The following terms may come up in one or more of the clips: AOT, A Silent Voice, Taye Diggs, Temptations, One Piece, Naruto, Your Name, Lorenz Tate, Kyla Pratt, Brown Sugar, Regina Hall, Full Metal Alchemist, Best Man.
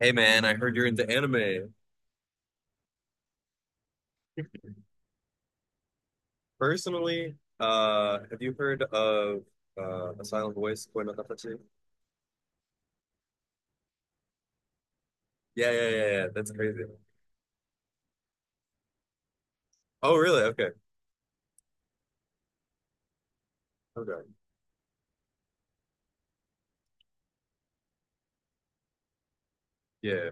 Hey man, I heard you're into anime. Personally, have you heard of A Silent Voice, Koi no Katachi? Yeah, yeah, yeah, yeah. That's crazy. Oh, really? Okay. Okay. Yeah.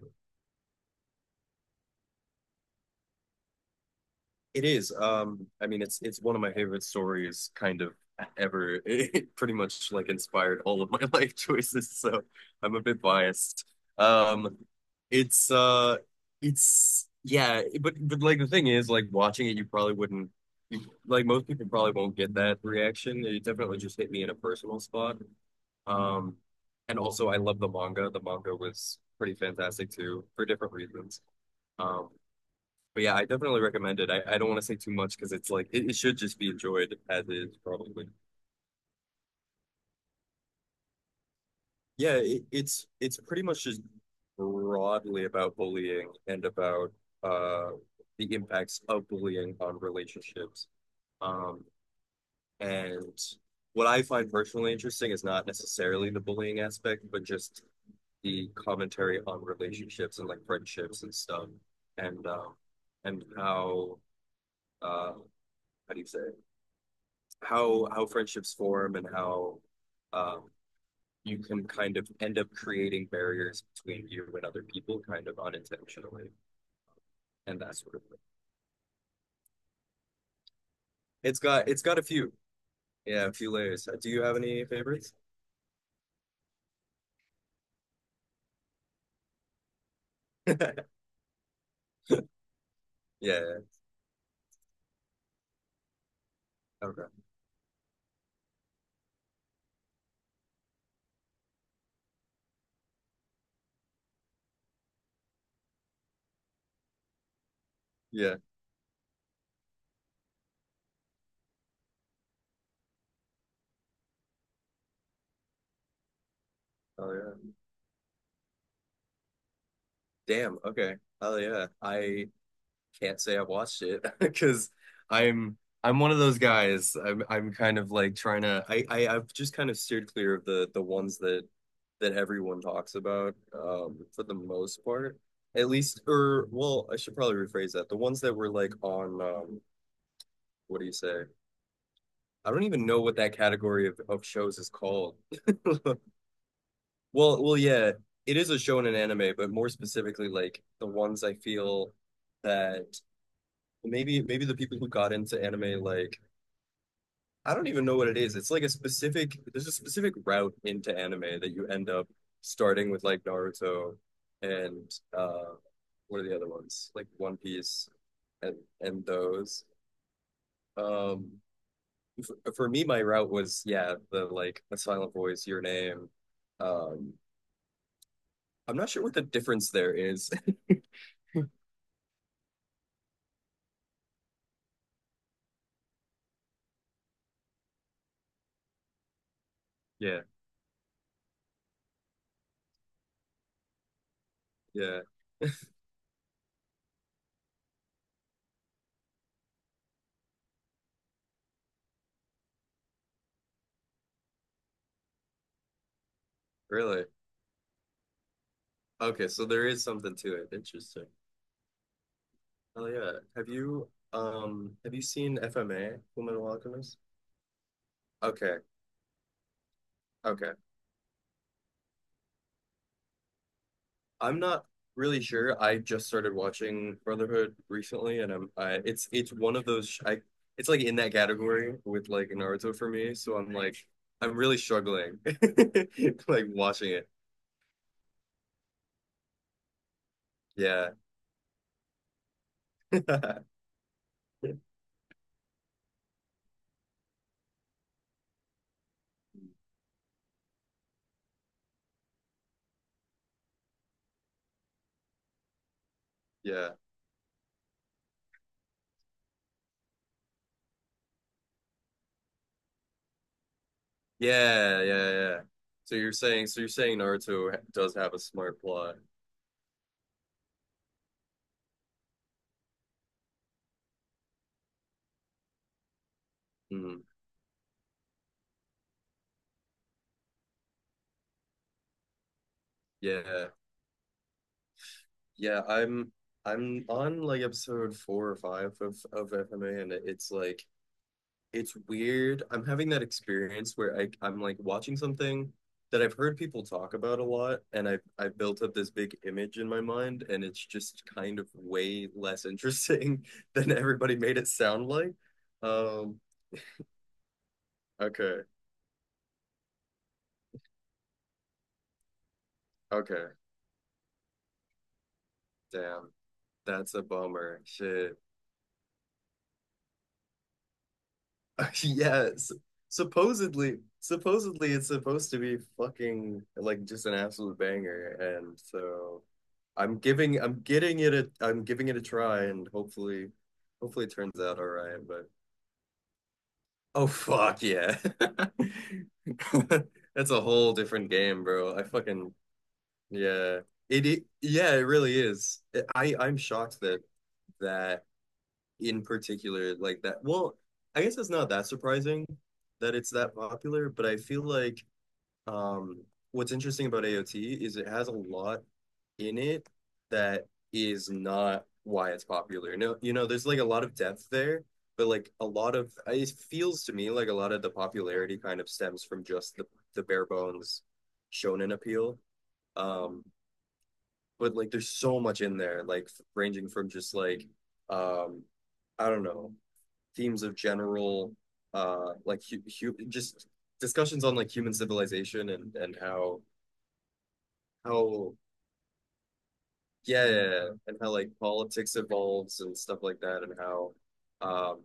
It is. I mean, it's one of my favorite stories, kind of ever. It pretty much like inspired all of my life choices, so I'm a bit biased. Um, it's uh, it's Yeah, but like the thing is, like watching it, you probably wouldn't. You, like most people probably won't get that reaction. It definitely just hit me in a personal spot. Um, and also I love the manga. The manga was pretty fantastic too, for different reasons. Um, but yeah, I definitely recommend it. I don't want to say too much because it's like it should just be enjoyed as is probably. Yeah, it's pretty much just broadly about bullying and about uh the impacts of bullying on relationships. Um, and what I find personally interesting is not necessarily the bullying aspect, but just the commentary on relationships and like friendships and stuff, and um, and uh, how do you say? How how friendships form and how um, you can kind of end up creating barriers between you and other people kind of unintentionally and that sort of thing. It's got a few. Yeah, a few layers. Do you have any favorites? Yeah, yeah. Okay. Yeah. Oh yeah. Damn. Okay. Oh yeah. I can't say I watched it because I'm I'm one of those guys. I'm kind of like trying to I've just kind of steered clear of the ones that everyone talks about, um, for the most part. At least, or well, I should probably rephrase that. The ones that were like on, um, what do you say? I don't even know what that category of shows is called. Well, yeah, it is a show and an anime, but more specifically like the ones I feel that maybe the people who got into anime, like, I don't even know what it is. It's like a specific, there's a specific route into anime that you end up starting with, like, Naruto and uh what are the other ones? Like One Piece and those. Um for me my route was, yeah, the, like, the Silent Voice, Your Name. Um, I'm not sure what the difference there is. Yeah, yeah, really. Okay, so there is something to it. Interesting. Oh yeah. Have you, um, have you seen FMA, Full Metal Alchemist? Okay, okay. I'm not really sure. I just started watching Brotherhood recently, and I'm I it's one of those sh- I it's like in that category with like Naruto for me. So I'm like I'm really struggling like watching it. Yeah, yeah, yeah, yeah, yeah. So you're saying, Naruto does have a smart plot. Mm, yeah. Yeah, I'm on like episode four or five of FMA, and it's like it's weird. I'm having that experience where I'm like watching something that I've heard people talk about a lot, and I've built up this big image in my mind, and it's just kind of way less interesting than everybody made it sound like. Um, okay, okay, damn, that's a bummer. Shit. Yes. Supposedly, supposedly it's supposed to be fucking like just an absolute banger, and so I'm getting I'm giving it a try, and hopefully, hopefully it turns out all right. But oh fuck yeah, that's a whole different game, bro. I fucking yeah, it yeah, it really is. I'm shocked that that in particular like that. Well, I guess it's not that surprising that it's that popular, but I feel like, um, what's interesting about AOT is it has a lot in it that is not why it's popular. No, you know, there's like a lot of depth there, but like a lot of it feels to me like a lot of the popularity kind of stems from just the bare bones shonen appeal. Um, but like there's so much in there, like ranging from just like, um, I don't know, themes of general like just discussions on like human civilization and how yeah, yeah, yeah, and how like politics evolves and stuff like that and how, um,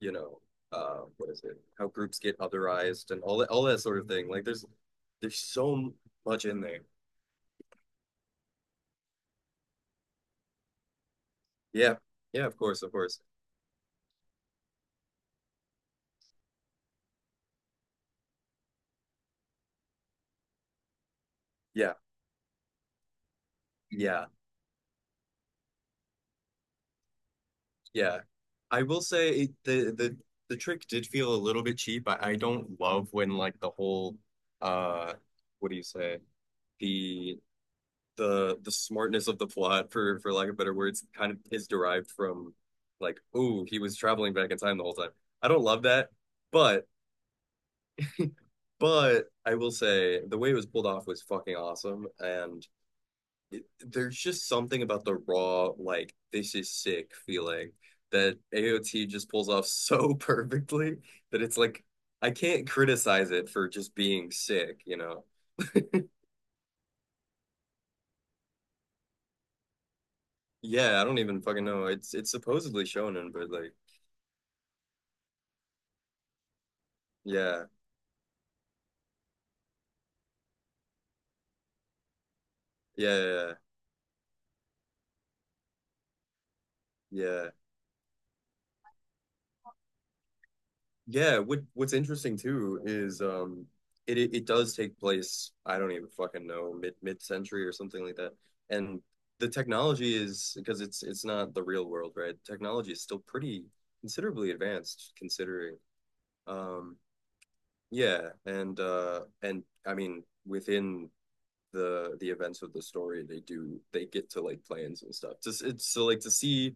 you know, uh, what is it, how groups get otherized and all that, all that sort of thing. Like there's so much in there, yeah, yeah, of course, of course, yeah, yeah. Yeah. I will say it, the trick did feel a little bit cheap. I don't love when like the whole, uh, what do you say? The the smartness of the plot for lack of better words kind of is derived from like, oh, he was traveling back in time the whole time. I don't love that, but I will say the way it was pulled off was fucking awesome, and it, there's just something about the raw, like, this is sick feeling that AOT just pulls off so perfectly that it's like, I can't criticize it for just being sick, you know? Yeah, I don't even fucking know. It's supposedly shonen, but like, yeah, yeah, yeah, yeah. Yeah, what what's interesting too is, um, it does take place, I don't even fucking know, mid century or something like that. And the technology is, because it's not the real world, right? Technology is still pretty considerably advanced considering. Um, yeah, and I mean within the events of the story, they do, they get to like plans and stuff. Just it's so like to see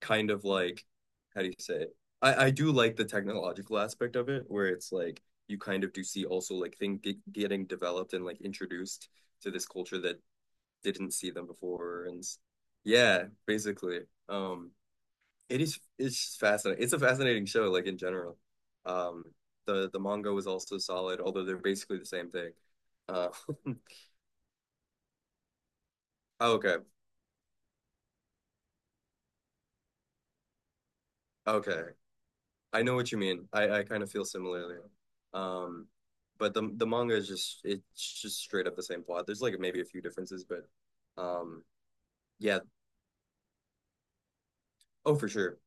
kind of like, how do you say it? I do like the technological aspect of it where it's like you kind of do see also like getting developed and like introduced to this culture that didn't see them before, and yeah basically, um, it is, it's fascinating, it's a fascinating show like in general. Um, the manga was also solid, although they're basically the same thing. Uh, okay. Okay. I know what you mean. I kind of feel similarly. Um, but the manga is just, it's just straight up the same plot. There's like maybe a few differences, but, um, yeah, oh for sure.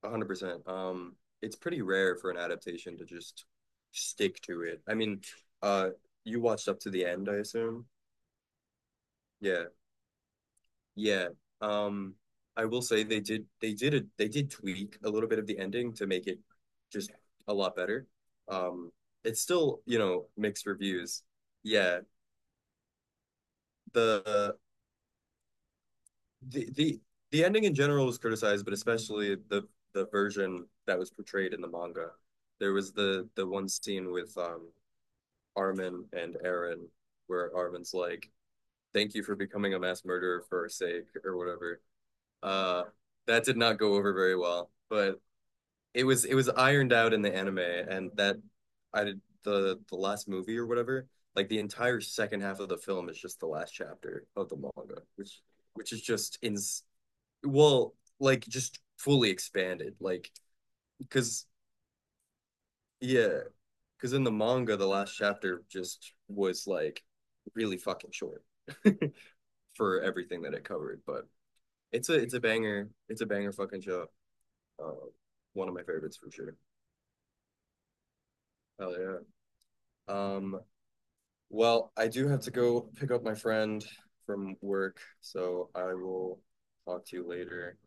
100%. Um, it's pretty rare for an adaptation to just stick to it. I mean, uh, you watched up to the end, I assume. Yeah. Yeah. Um, I will say they did, they did a they did tweak a little bit of the ending to make it just a lot better. Um, it's still, you know, mixed reviews. Yeah. The the the the ending in general was criticized, but especially the version that was portrayed in the manga. There was the one scene with, um, Armin and Aaron where Armin's like, "Thank you for becoming a mass murderer for our sake," or whatever. Uh, that did not go over very well, but it was, it was ironed out in the anime, and that I did the last movie or whatever. Like the entire second half of the film is just the last chapter of the manga, which is just in, well, like just fully expanded, like, because yeah, because in the manga the last chapter just was like really fucking short for everything that it covered, but it's a banger. It's a banger fucking show. Uh, one of my favorites for sure. Hell yeah. Um, well, I do have to go pick up my friend from work, so I will talk to you later.